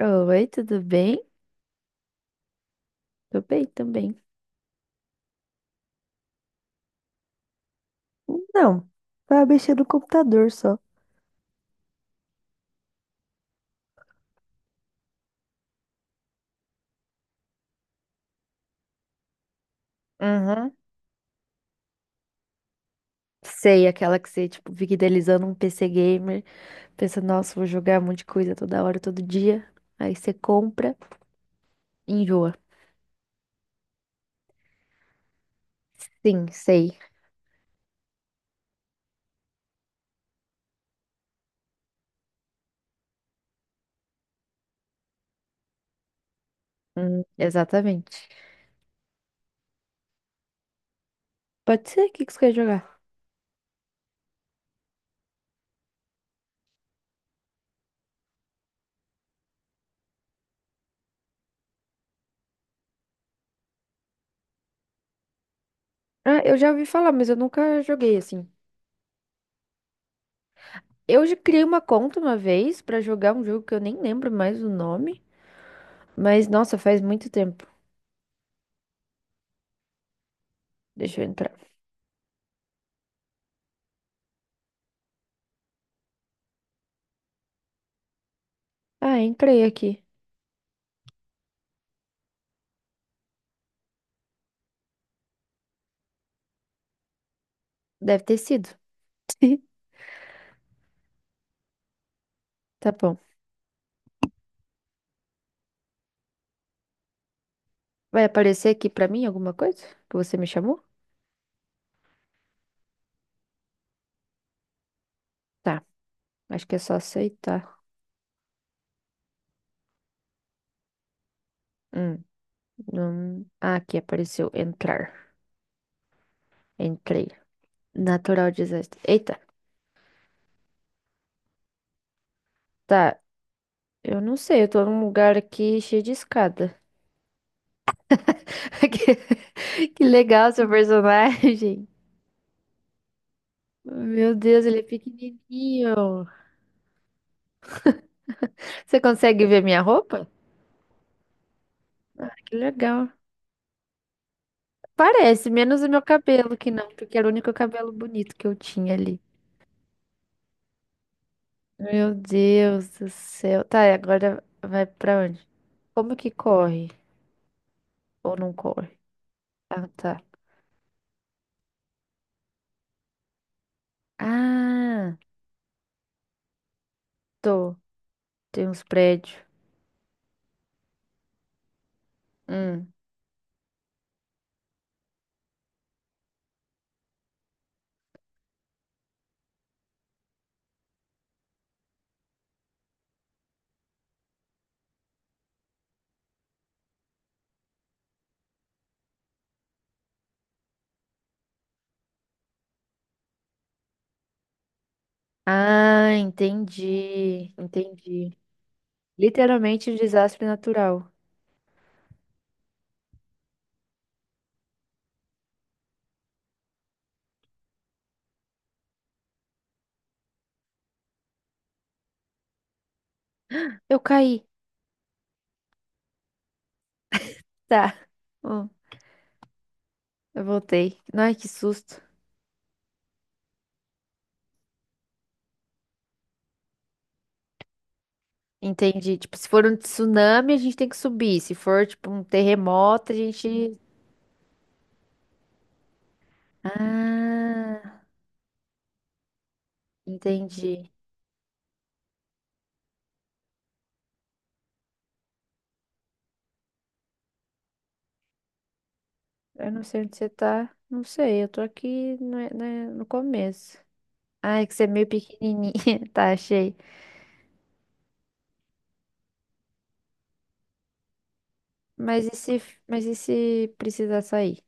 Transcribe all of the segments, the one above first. Oi, tudo bem? Tô bem também. Não, vai mexer no computador só. Uhum. Sei, aquela que você, tipo, fica idealizando um PC gamer, pensa, nossa, vou jogar um monte de coisa toda hora, todo dia. Aí você compra e enjoa. Sim, sei. Exatamente. Pode ser? O que que você quer jogar? Ah, eu já ouvi falar, mas eu nunca joguei assim. Eu já criei uma conta uma vez pra jogar um jogo que eu nem lembro mais o nome. Mas, nossa, faz muito tempo. Deixa eu entrar. Ah, entrei aqui. Deve ter sido. Tá bom. Vai aparecer aqui pra mim alguma coisa que você me chamou? Tá. Acho que é só aceitar. Hum, não... Ah, aqui apareceu entrar. Entrei. Natural disaster. Eita. Tá. Eu não sei. Eu tô num lugar aqui cheio de escada. Que legal seu personagem. Meu Deus, ele é pequenininho. Você consegue ver minha roupa? Ah, que legal. Parece, menos o meu cabelo, que não, porque era o único cabelo bonito que eu tinha ali. Meu Deus do céu. Tá, e agora vai pra onde? Como que corre? Ou não corre? Ah, tá. Ah, tô. Tem uns prédios. Hum. Ah, entendi. Entendi. Literalmente um desastre natural. Eu caí. Tá. Hum, eu voltei. Ai, que susto. Entendi. Tipo, se for um tsunami, a gente tem que subir. Se for, tipo, um terremoto, a gente. Ah, entendi. Eu não sei onde você tá. Não sei, eu tô aqui no, né, no começo. Ah, é que você é meio pequenininha. Tá, achei. Mas e se, mas e se precisar sair?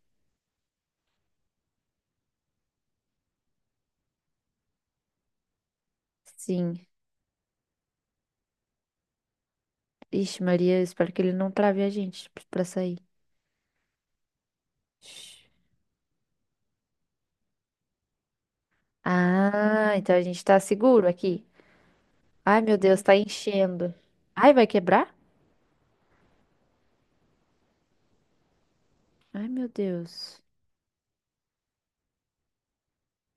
Sim. Ixi, Maria, eu espero que ele não trave a gente pra sair. Ixi. Ah, então a gente tá seguro aqui. Ai, meu Deus, tá enchendo. Ai, vai quebrar? Ai, meu Deus.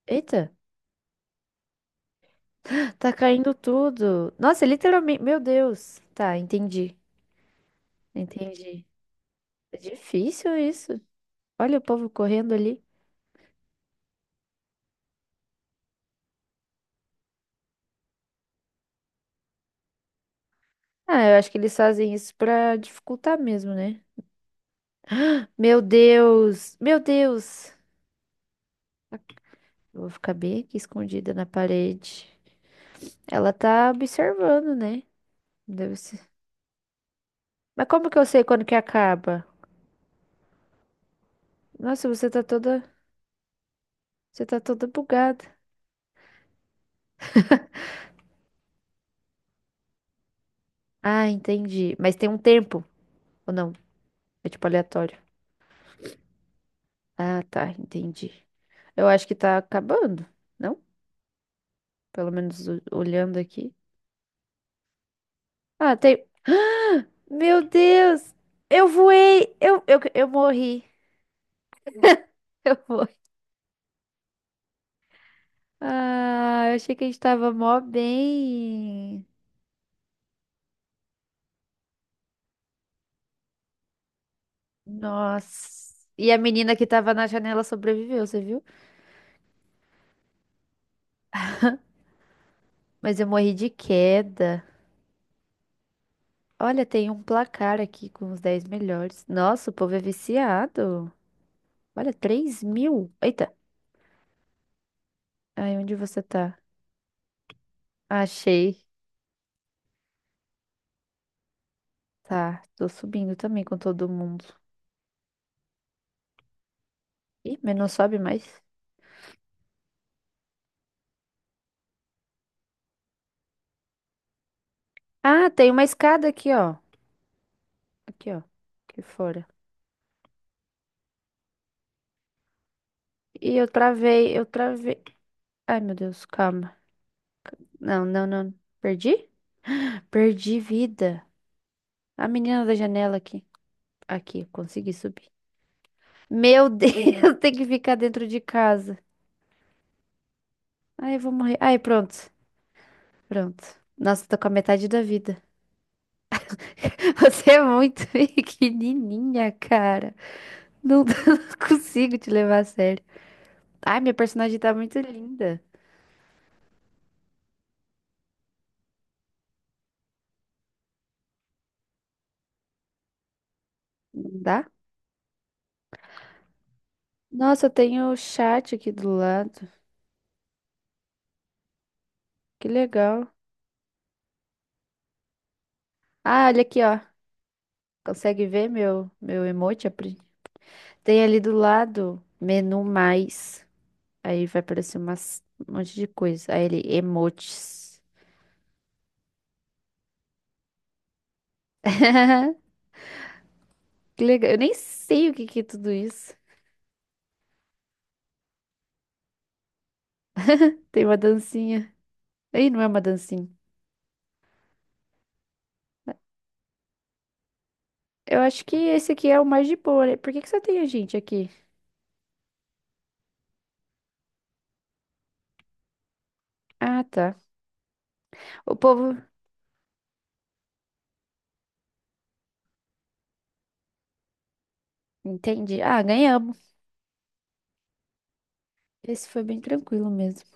Eita, tá caindo tudo. Nossa, literalmente, meu Deus. Tá, entendi. Entendi. É difícil isso. Olha o povo correndo ali. Ah, eu acho que eles fazem isso pra dificultar mesmo, né? Meu Deus! Meu Deus! Eu vou ficar bem aqui escondida na parede. Ela tá observando, né? Deve ser. Mas como que eu sei quando que acaba? Nossa, você tá toda. Você tá toda bugada. Ah, entendi. Mas tem um tempo, ou não? É tipo aleatório. Ah, tá, entendi. Eu acho que tá acabando, não? Pelo menos olhando aqui. Ah, tem. Meu Deus! Eu voei! Eu morri. Eu morri. Ah, eu achei que a gente tava mó bem. Nossa. E a menina que tava na janela sobreviveu, você viu? Mas eu morri de queda. Olha, tem um placar aqui com os 10 melhores. Nossa, o povo é viciado. Olha, 3.000. Eita. Ai, onde você tá? Achei. Tá, tô subindo também com todo mundo. Ih, mas não sobe mais. Ah, tem uma escada aqui, ó. Aqui, ó. Aqui fora. Eu travei. Ai, meu Deus, calma. Não, não, não. Perdi? Perdi vida. A menina da janela aqui. Aqui, consegui subir. Meu Deus, tem que ficar dentro de casa. Ai, eu vou morrer. Ai, pronto. Pronto. Nossa, tô com a metade da vida. Você é muito pequenininha, cara. Não, não consigo te levar a sério. Ai, minha personagem tá muito linda. Não dá? Nossa, eu tenho o chat aqui do lado. Que legal. Ah, olha aqui, ó. Consegue ver meu emoji? Apri? Tem ali do lado menu mais. Aí vai aparecer umas, um monte de coisa. Aí ele, emojis. Que legal. Eu nem sei o que que é tudo isso. Tem uma dancinha. Aí não é uma dancinha. Eu acho que esse aqui é o mais de boa, né? Por que que só tem a gente aqui? Ah, tá. O povo. Entendi. Ah, ganhamos. Esse foi bem tranquilo mesmo.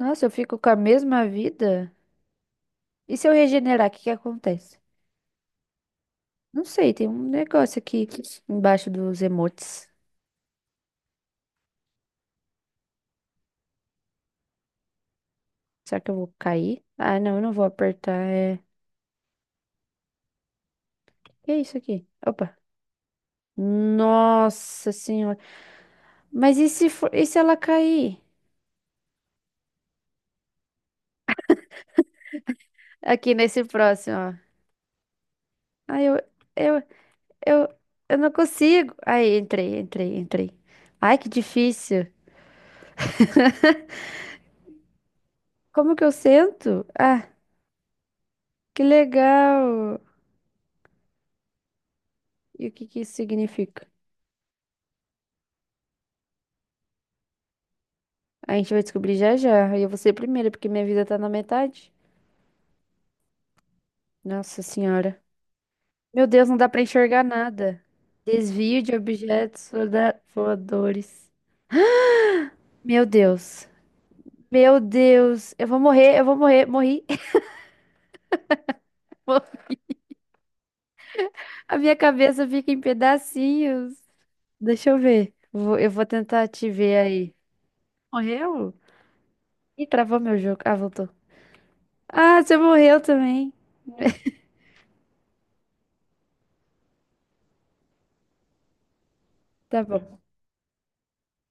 Nossa, eu fico com a mesma vida? E se eu regenerar, o que que acontece? Não sei, tem um negócio aqui embaixo dos emotes. Será que eu vou cair? Ah, não, eu não vou apertar. É... Que é isso aqui? Opa. Nossa senhora. Mas e se for... e se ela cair? Aqui nesse próximo, ó. Ai, eu, eu, eu não consigo. Aí, entrei, entrei, entrei. Ai, que difícil. Como que eu sento? Ah, que legal. E o que que isso significa? A gente vai descobrir já já. E eu vou ser a primeira, porque minha vida tá na metade. Nossa senhora. Meu Deus, não dá pra enxergar nada. Desvio de objetos voadores. Meu Deus. Meu Deus. Eu vou morrer, eu vou morrer. Morri. A minha cabeça fica em pedacinhos. Deixa eu ver. Eu vou tentar te ver aí. Morreu? Ih, travou meu jogo. Ah, voltou. Ah, você morreu também. Tá bom.